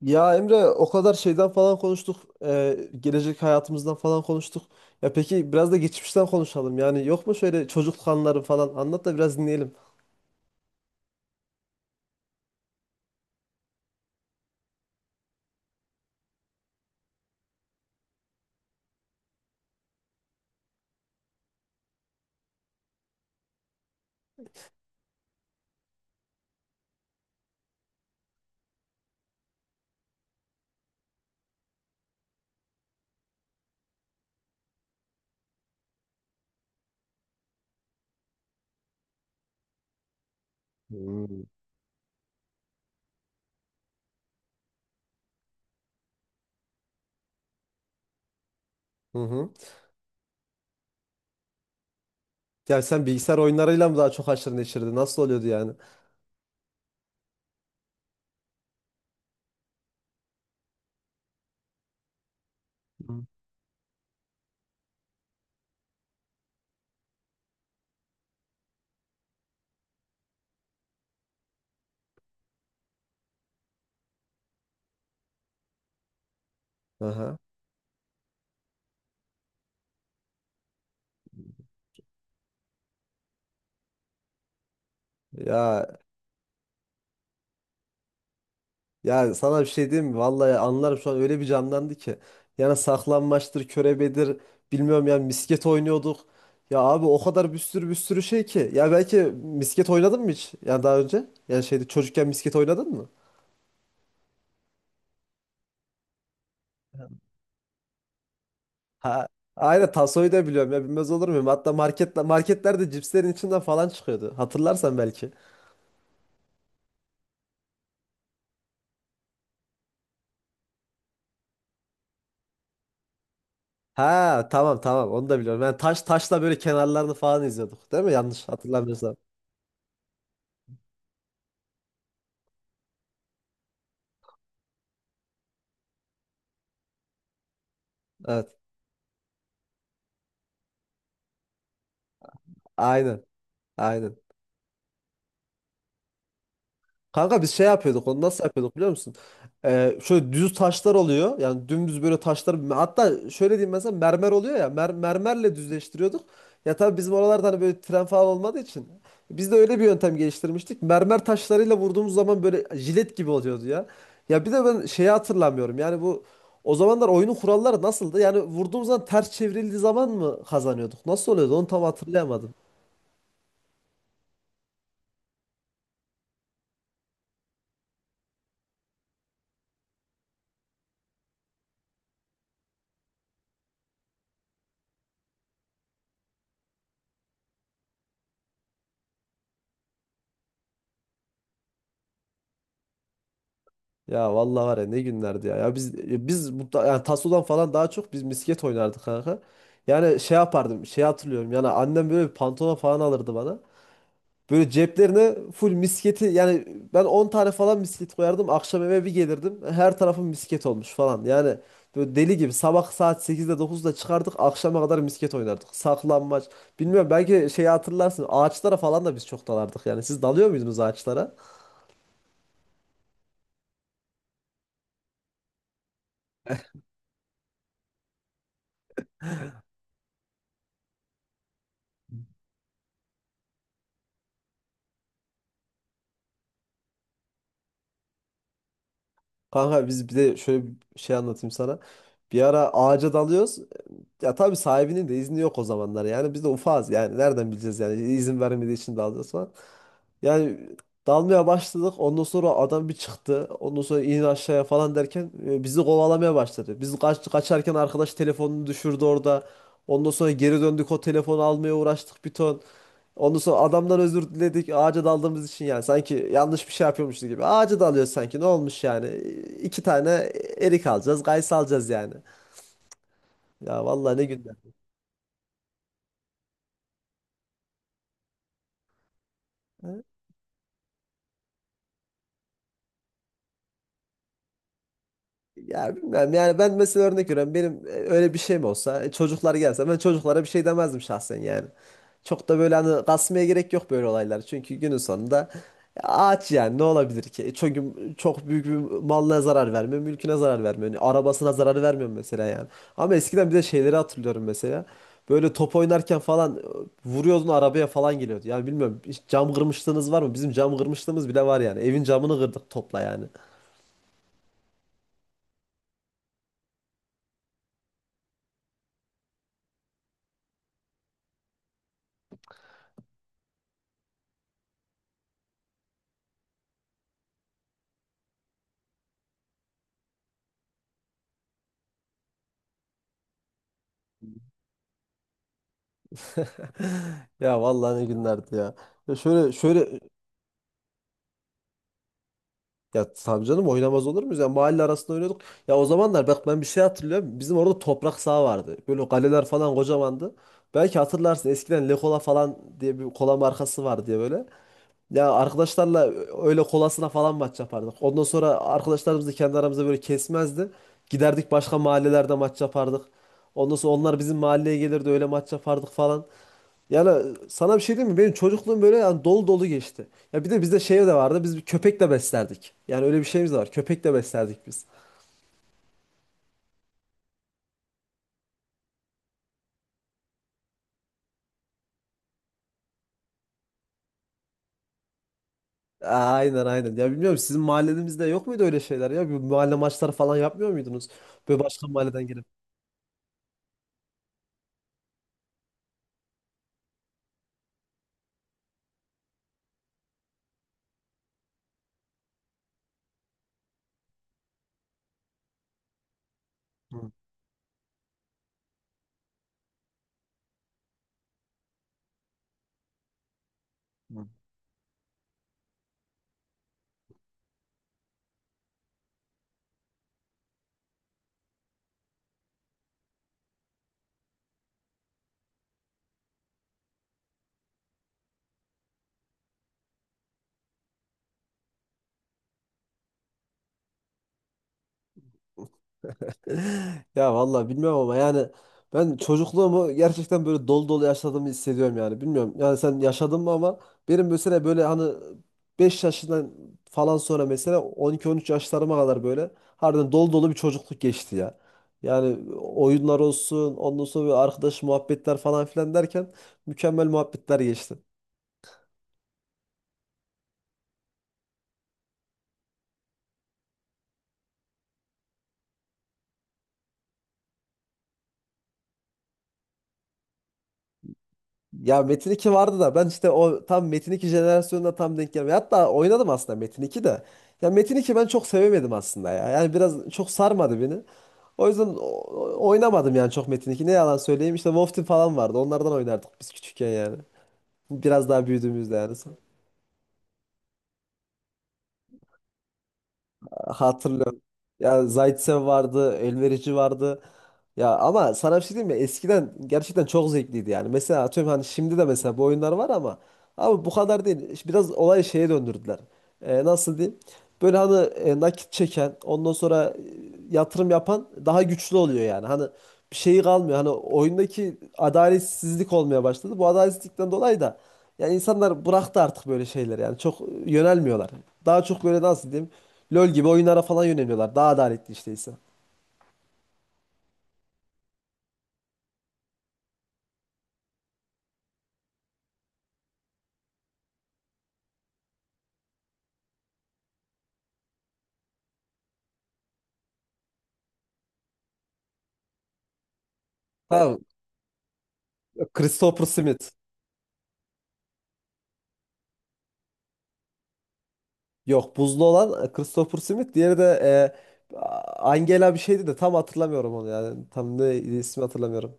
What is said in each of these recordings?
Ya Emre o kadar şeyden falan konuştuk. Gelecek hayatımızdan falan konuştuk. Ya peki biraz da geçmişten konuşalım. Yani yok mu şöyle çocukluk anıları falan anlat da biraz dinleyelim. Hmm. Hı hı. Ya sen bilgisayar oyunlarıyla mı daha çok haşır neşirdin? Nasıl oluyordu yani? Hmm. Aha. Ya Ya sana bir şey diyeyim mi? Vallahi anlarım, şu an öyle bir canlandı ki. Yani saklanmaçtır, körebedir, bilmiyorum yani misket oynuyorduk. Ya abi o kadar bir sürü bir sürü şey ki. Ya belki misket oynadın mı hiç? Yani daha önce? Yani şeyde çocukken misket oynadın mı? Ha, aynen tasoyu da biliyorum ya, bilmez olur muyum? Hatta marketlerde cipslerin içinden falan çıkıyordu. Hatırlarsan belki. Ha, tamam tamam, onu da biliyorum. Yani taş taşla böyle kenarlarını falan izliyorduk değil mi? Yanlış hatırlamıyorsam. Evet, aynen aynen. Kanka biz şey yapıyorduk, onu nasıl yapıyorduk biliyor musun? Şöyle düz taşlar oluyor. Yani dümdüz böyle taşlar. Hatta şöyle diyeyim, mesela mermer oluyor ya. Mermerle düzleştiriyorduk. Ya tabii bizim oralarda hani böyle tren falan olmadığı için. Biz de öyle bir yöntem geliştirmiştik. Mermer taşlarıyla vurduğumuz zaman böyle jilet gibi oluyordu ya. Ya bir de ben şeyi hatırlamıyorum. Yani bu o zamanlar oyunun kuralları nasıldı? Yani vurduğumuz zaman ters çevrildiği zaman mı kazanıyorduk? Nasıl oluyordu? Onu tam hatırlayamadım. Ya vallahi var ya, ne günlerdi ya. Ya biz yani tasodan falan daha çok biz misket oynardık kanka. Yani şey yapardım. Şey hatırlıyorum. Yani annem böyle bir pantolon falan alırdı bana. Böyle ceplerine full misketi, yani ben 10 tane falan misket koyardım. Akşam eve bir gelirdim. Her tarafım misket olmuş falan. Yani böyle deli gibi sabah saat 8'de 9'da çıkardık. Akşama kadar misket oynardık. Saklanmaç. Bilmiyorum belki şeyi hatırlarsın. Ağaçlara falan da biz çok dalardık. Yani siz dalıyor muydunuz ağaçlara? Kanka biz bir de şöyle bir şey anlatayım sana. Bir ara ağaca dalıyoruz. Ya tabii sahibinin de izni yok o zamanlar. Yani biz de ufağız yani. Nereden bileceğiz yani? İzin vermediği için dalıyoruz falan. Yani dalmaya başladık. Ondan sonra adam bir çıktı. Ondan sonra in aşağıya falan derken bizi kovalamaya başladı. Biz kaçarken arkadaş telefonunu düşürdü orada. Ondan sonra geri döndük, o telefonu almaya uğraştık bir ton. Ondan sonra adamdan özür diledik ağaca daldığımız için yani. Sanki yanlış bir şey yapıyormuşuz gibi. Ağaca dalıyoruz, sanki ne olmuş yani. İki tane erik alacağız, gayısı alacağız yani. Ya vallahi, ne günler. Ya bilmem yani, ben mesela örnek veriyorum, benim öyle bir şey mi olsa, çocuklar gelse ben çocuklara bir şey demezdim şahsen yani. Çok da böyle hani kasmaya gerek yok böyle olaylar, çünkü günün sonunda ağaç, yani ne olabilir ki? Çünkü çok büyük bir malına zarar vermiyor, mülküne zarar vermiyor, yani arabasına zarar vermiyor mesela yani. Ama eskiden bir de şeyleri hatırlıyorum mesela. Böyle top oynarken falan vuruyordun arabaya falan geliyordu. Yani bilmiyorum, hiç cam kırmışlığınız var mı? Bizim cam kırmışlığımız bile var yani. Evin camını kırdık topla yani. Ya vallahi, ne günlerdi ya. Ya şöyle ya tabii canım, oynamaz olur muyuz? Ya mahalle arasında oynuyorduk. Ya o zamanlar bak, ben bir şey hatırlıyorum. Bizim orada toprak saha vardı. Böyle kaleler falan kocamandı. Belki hatırlarsın, eskiden Lekola falan diye bir kola markası vardı diye böyle. Ya arkadaşlarla öyle kolasına falan maç yapardık. Ondan sonra arkadaşlarımız da kendi aramızda böyle kesmezdi. Giderdik başka mahallelerde maç yapardık. Ondan sonra onlar bizim mahalleye gelirdi, öyle maç yapardık falan. Yani sana bir şey diyeyim mi? Benim çocukluğum böyle yani dolu dolu geçti. Ya bir de bizde şey de vardı. Biz bir köpek de beslerdik. Yani öyle bir şeyimiz de var. Köpek de beslerdik biz. Aynen aynen. Ya bilmiyorum, sizin mahallenizde yok muydu öyle şeyler ya? Bir mahalle maçları falan yapmıyor muydunuz? Böyle başka mahalleden gelip. Hı, hı. Ya vallahi bilmiyorum ama yani ben çocukluğumu gerçekten böyle dolu dolu yaşadığımı hissediyorum yani. Bilmiyorum yani sen yaşadın mı ama benim mesela böyle hani 5 yaşından falan sonra mesela 12-13 yaşlarıma kadar böyle harbiden dolu dolu bir çocukluk geçti ya. Yani oyunlar olsun, ondan sonra bir arkadaş muhabbetler falan filan derken mükemmel muhabbetler geçti. Ya Metin 2 vardı da ben işte o tam Metin 2 jenerasyonuna tam denk gelmiyor. Hatta oynadım aslında Metin 2 de. Ya Metin 2 ben çok sevemedim aslında ya. Yani biraz çok sarmadı beni. O yüzden oynamadım yani çok Metin 2. Ne yalan söyleyeyim, işte Wolf Team falan vardı. Onlardan oynardık biz küçükken yani. Biraz daha büyüdüğümüzde yani. Hatırlıyorum. Ya Zaitsev vardı, Elverici vardı. Ya ama sana bir şey diyeyim mi? Eskiden gerçekten çok zevkliydi yani. Mesela atıyorum, hani şimdi de mesela bu oyunlar var ama abi bu kadar değil. İşte biraz olayı şeye döndürdüler. Nasıl diyeyim? Böyle hani nakit çeken, ondan sonra yatırım yapan daha güçlü oluyor yani. Hani bir şeyi kalmıyor. Hani oyundaki adaletsizlik olmaya başladı. Bu adaletsizlikten dolayı da yani insanlar bıraktı artık böyle şeyler yani. Çok yönelmiyorlar. Daha çok böyle nasıl diyeyim? LoL gibi oyunlara falan yöneliyorlar. Daha adaletli işteyse. Tamam. Christopher Smith. Yok, buzlu olan Christopher Smith. Diğeri de e, Angela bir şeydi de tam hatırlamıyorum onu yani. Tam ne ismi hatırlamıyorum.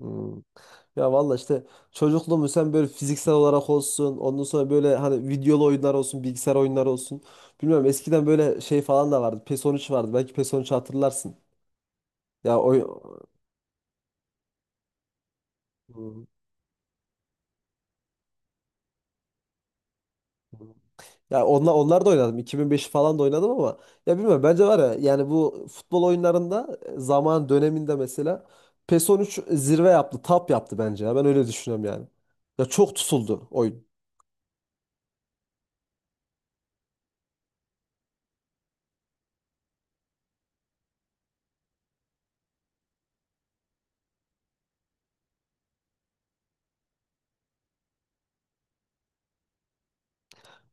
Hmm. Ya valla işte çocukluğumu sen böyle fiziksel olarak olsun, ondan sonra böyle hani videolu oyunlar olsun, bilgisayar oyunları olsun. Bilmiyorum, eskiden böyle şey falan da vardı, PES 13 vardı, belki PES 13 hatırlarsın. Ya oy... Hmm. Ya onlar da oynadım, 2005'i falan da oynadım ama ya bilmiyorum, bence var ya yani bu futbol oyunlarında zaman döneminde mesela PES 13 zirve yaptı, tap yaptı bence ya, ben öyle düşünüyorum yani. Ya çok tutuldu oyun.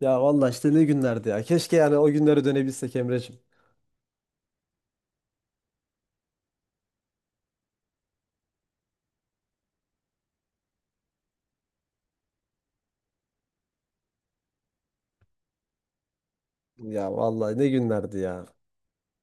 Ya valla işte ne günlerdi ya, keşke yani o günlere dönebilsek Emreciğim. Ya vallahi ne günlerdi ya.